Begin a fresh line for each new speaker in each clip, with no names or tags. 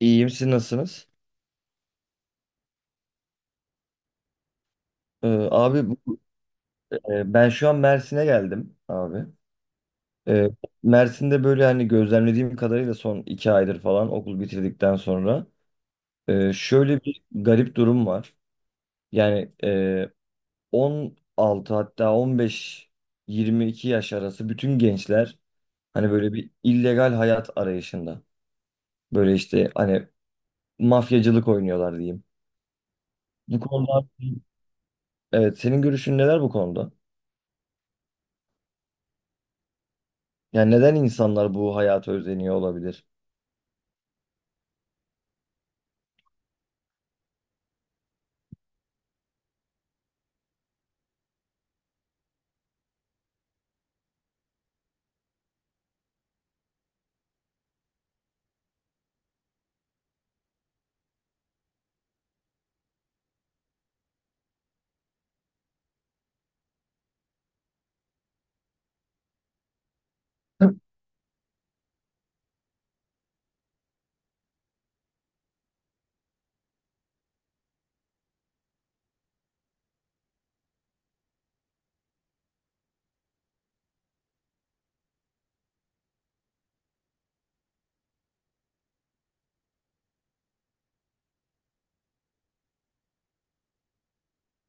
İyiyim, siz nasılsınız? Ee, abi bu- Ben şu an Mersin'e geldim abi. Ee, Mersin'de böyle hani gözlemlediğim kadarıyla son iki aydır falan okul bitirdikten sonra şöyle bir garip durum var. Yani 16 hatta 15-22 yaş arası bütün gençler hani böyle bir illegal hayat arayışında. Böyle işte hani mafyacılık oynuyorlar diyeyim. Bu konuda evet senin görüşün neler bu konuda? Yani neden insanlar bu hayata özeniyor olabilir?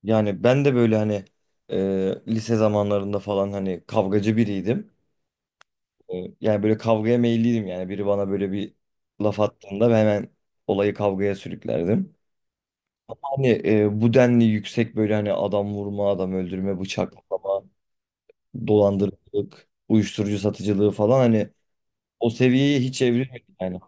Yani ben de böyle hani e, lise zamanlarında falan hani kavgacı biriydim. E, yani böyle kavgaya meyilliydim yani biri bana böyle bir laf attığında ben hemen olayı kavgaya sürüklerdim. Hani bu denli yüksek böyle hani adam vurma, adam öldürme, bıçaklama, dolandırıcılık, uyuşturucu satıcılığı falan hani o seviyeye hiç evrilmedi yani.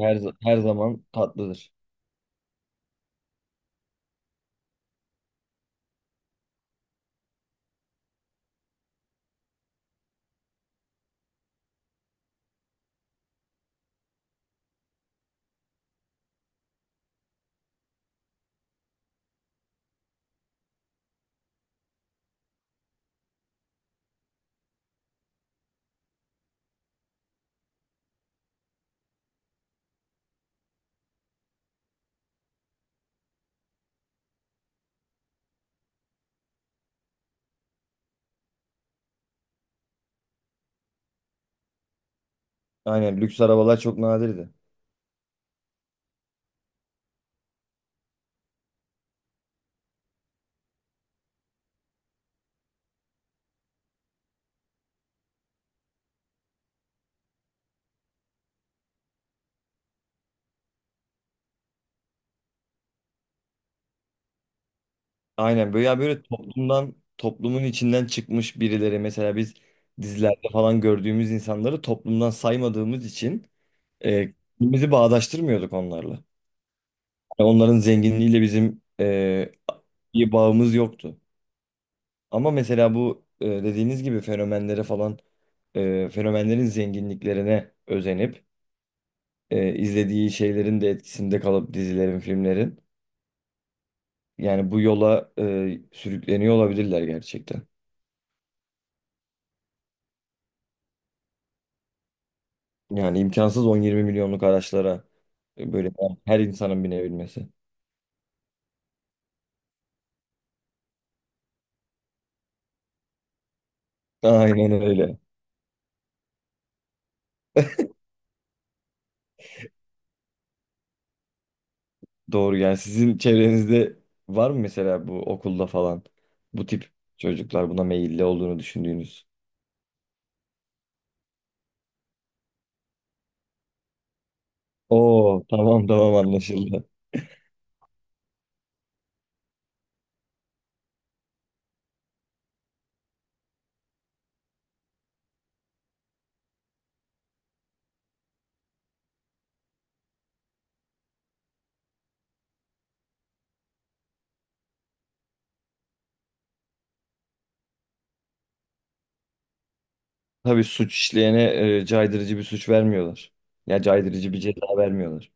Her zaman tatlıdır. Aynen, lüks arabalar çok nadirdi. Aynen, böyle ya, böyle toplumdan toplumun içinden çıkmış birileri mesela biz dizilerde falan gördüğümüz insanları toplumdan saymadığımız için e, bizi bağdaştırmıyorduk onlarla. Yani onların zenginliğiyle bizim bir bağımız yoktu. Ama mesela bu dediğiniz gibi fenomenlere falan fenomenlerin zenginliklerine özenip izlediği şeylerin de etkisinde kalıp dizilerin, filmlerin yani bu yola sürükleniyor olabilirler gerçekten. Yani imkansız 10-20 milyonluk araçlara böyle her insanın binebilmesi. Aynen öyle. Doğru, yani sizin çevrenizde var mı mesela bu okulda falan bu tip çocuklar buna meyilli olduğunu düşündüğünüz? Oo, tamam tamam, anlaşıldı. Tabii suç işleyene caydırıcı bir suç vermiyorlar. Ya caydırıcı bir ceza vermiyorlar.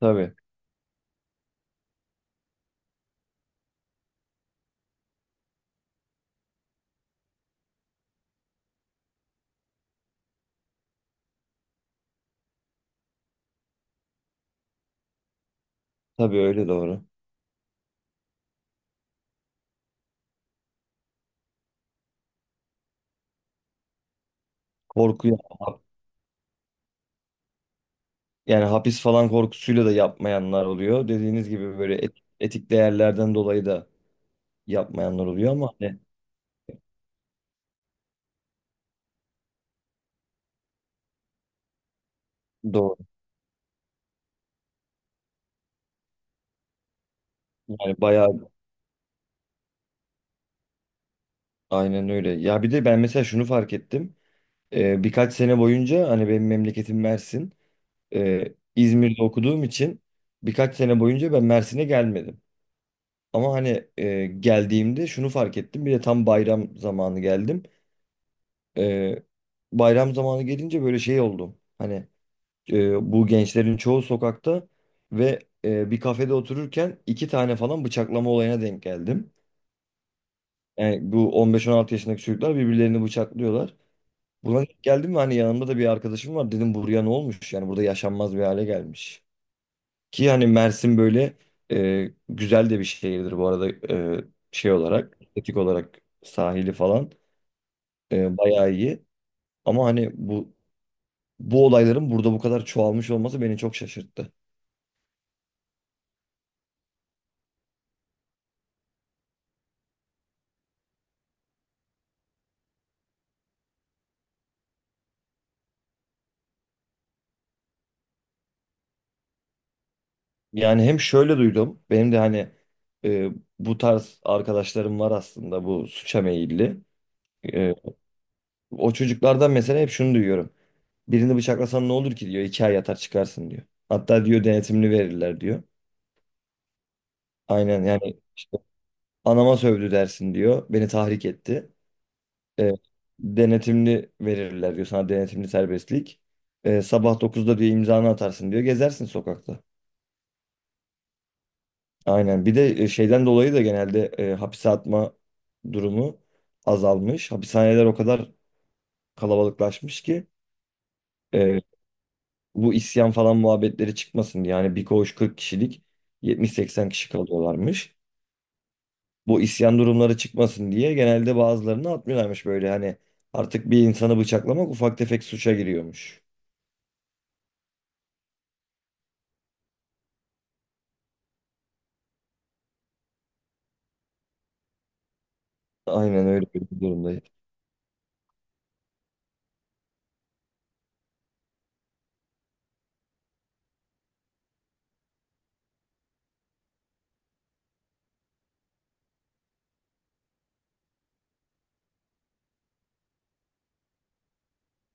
Tabii, tabii öyle, doğru. Korkuya, yani hapis falan korkusuyla da yapmayanlar oluyor. Dediğiniz gibi böyle etik değerlerden dolayı da yapmayanlar oluyor ama hani doğru. Yani bayağı aynen öyle. Ya bir de ben mesela şunu fark ettim. Birkaç sene boyunca hani benim memleketim Mersin. İzmir'de okuduğum için birkaç sene boyunca ben Mersin'e gelmedim. Ama hani geldiğimde şunu fark ettim. Bir de tam bayram zamanı geldim. Ee, Bayram zamanı gelince böyle şey oldum. Hani bu gençlerin çoğu sokakta ve bir kafede otururken iki tane falan bıçaklama olayına denk geldim. Yani bu 15-16 yaşındaki çocuklar birbirlerini bıçaklıyorlar. Buna denk geldim mi hani yanımda da bir arkadaşım var. Dedim, buraya ne olmuş? Yani burada yaşanmaz bir hale gelmiş. Ki hani Mersin böyle güzel de bir şehirdir bu arada e, şey olarak, estetik olarak sahili falan bayağı iyi. Ama hani bu olayların burada bu kadar çoğalmış olması beni çok şaşırttı. Yani hem şöyle duydum. Benim de hani e, bu tarz arkadaşlarım var aslında bu suça meyilli. E, O çocuklardan mesela hep şunu duyuyorum. Birini bıçaklasan ne olur ki diyor. İki ay yatar çıkarsın diyor. Hatta diyor, denetimini verirler diyor. Aynen, yani işte anama sövdü dersin diyor. Beni tahrik etti. E, Denetimli verirler diyor. Sana denetimli serbestlik. E, sabah dokuzda diyor imzanı atarsın diyor. Gezersin sokakta. Aynen. Bir de şeyden dolayı da genelde hapise atma durumu azalmış. Hapishaneler o kadar kalabalıklaşmış ki e, bu isyan falan muhabbetleri çıkmasın diye. Yani bir koğuş 40 kişilik 70-80 kişi kalıyorlarmış. Bu isyan durumları çıkmasın diye genelde bazılarını atmıyorlarmış böyle hani artık bir insanı bıçaklamak ufak tefek suça giriyormuş. Aynen öyle bir durumdayız.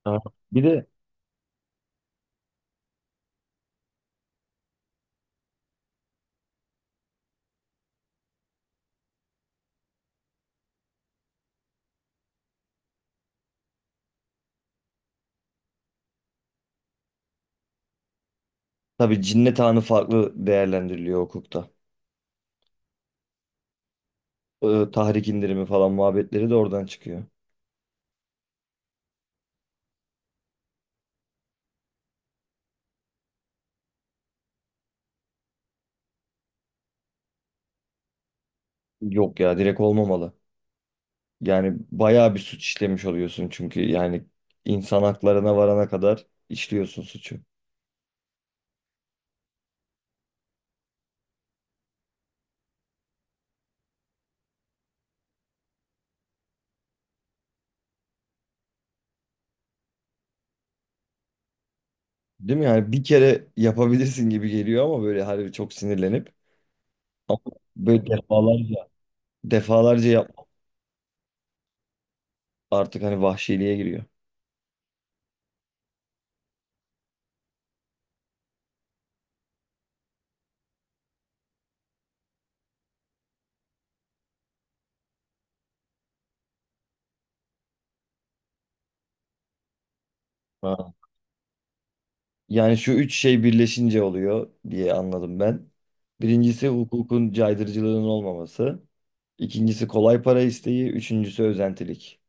Ha. Bir de tabii cinnet anı farklı değerlendiriliyor hukukta. Tahrik indirimi falan muhabbetleri de oradan çıkıyor. Yok ya, direkt olmamalı. Yani bayağı bir suç işlemiş oluyorsun çünkü yani insan haklarına varana kadar işliyorsun suçu. Değil mi? Yani bir kere yapabilirsin gibi geliyor ama böyle harbi çok sinirlenip. Ama böyle defalarca, defalarca yap artık hani vahşiliğe giriyor. Ha. Yani şu üç şey birleşince oluyor diye anladım ben. Birincisi, hukukun caydırıcılığının olmaması. İkincisi, kolay para isteği. Üçüncüsü, özentilik.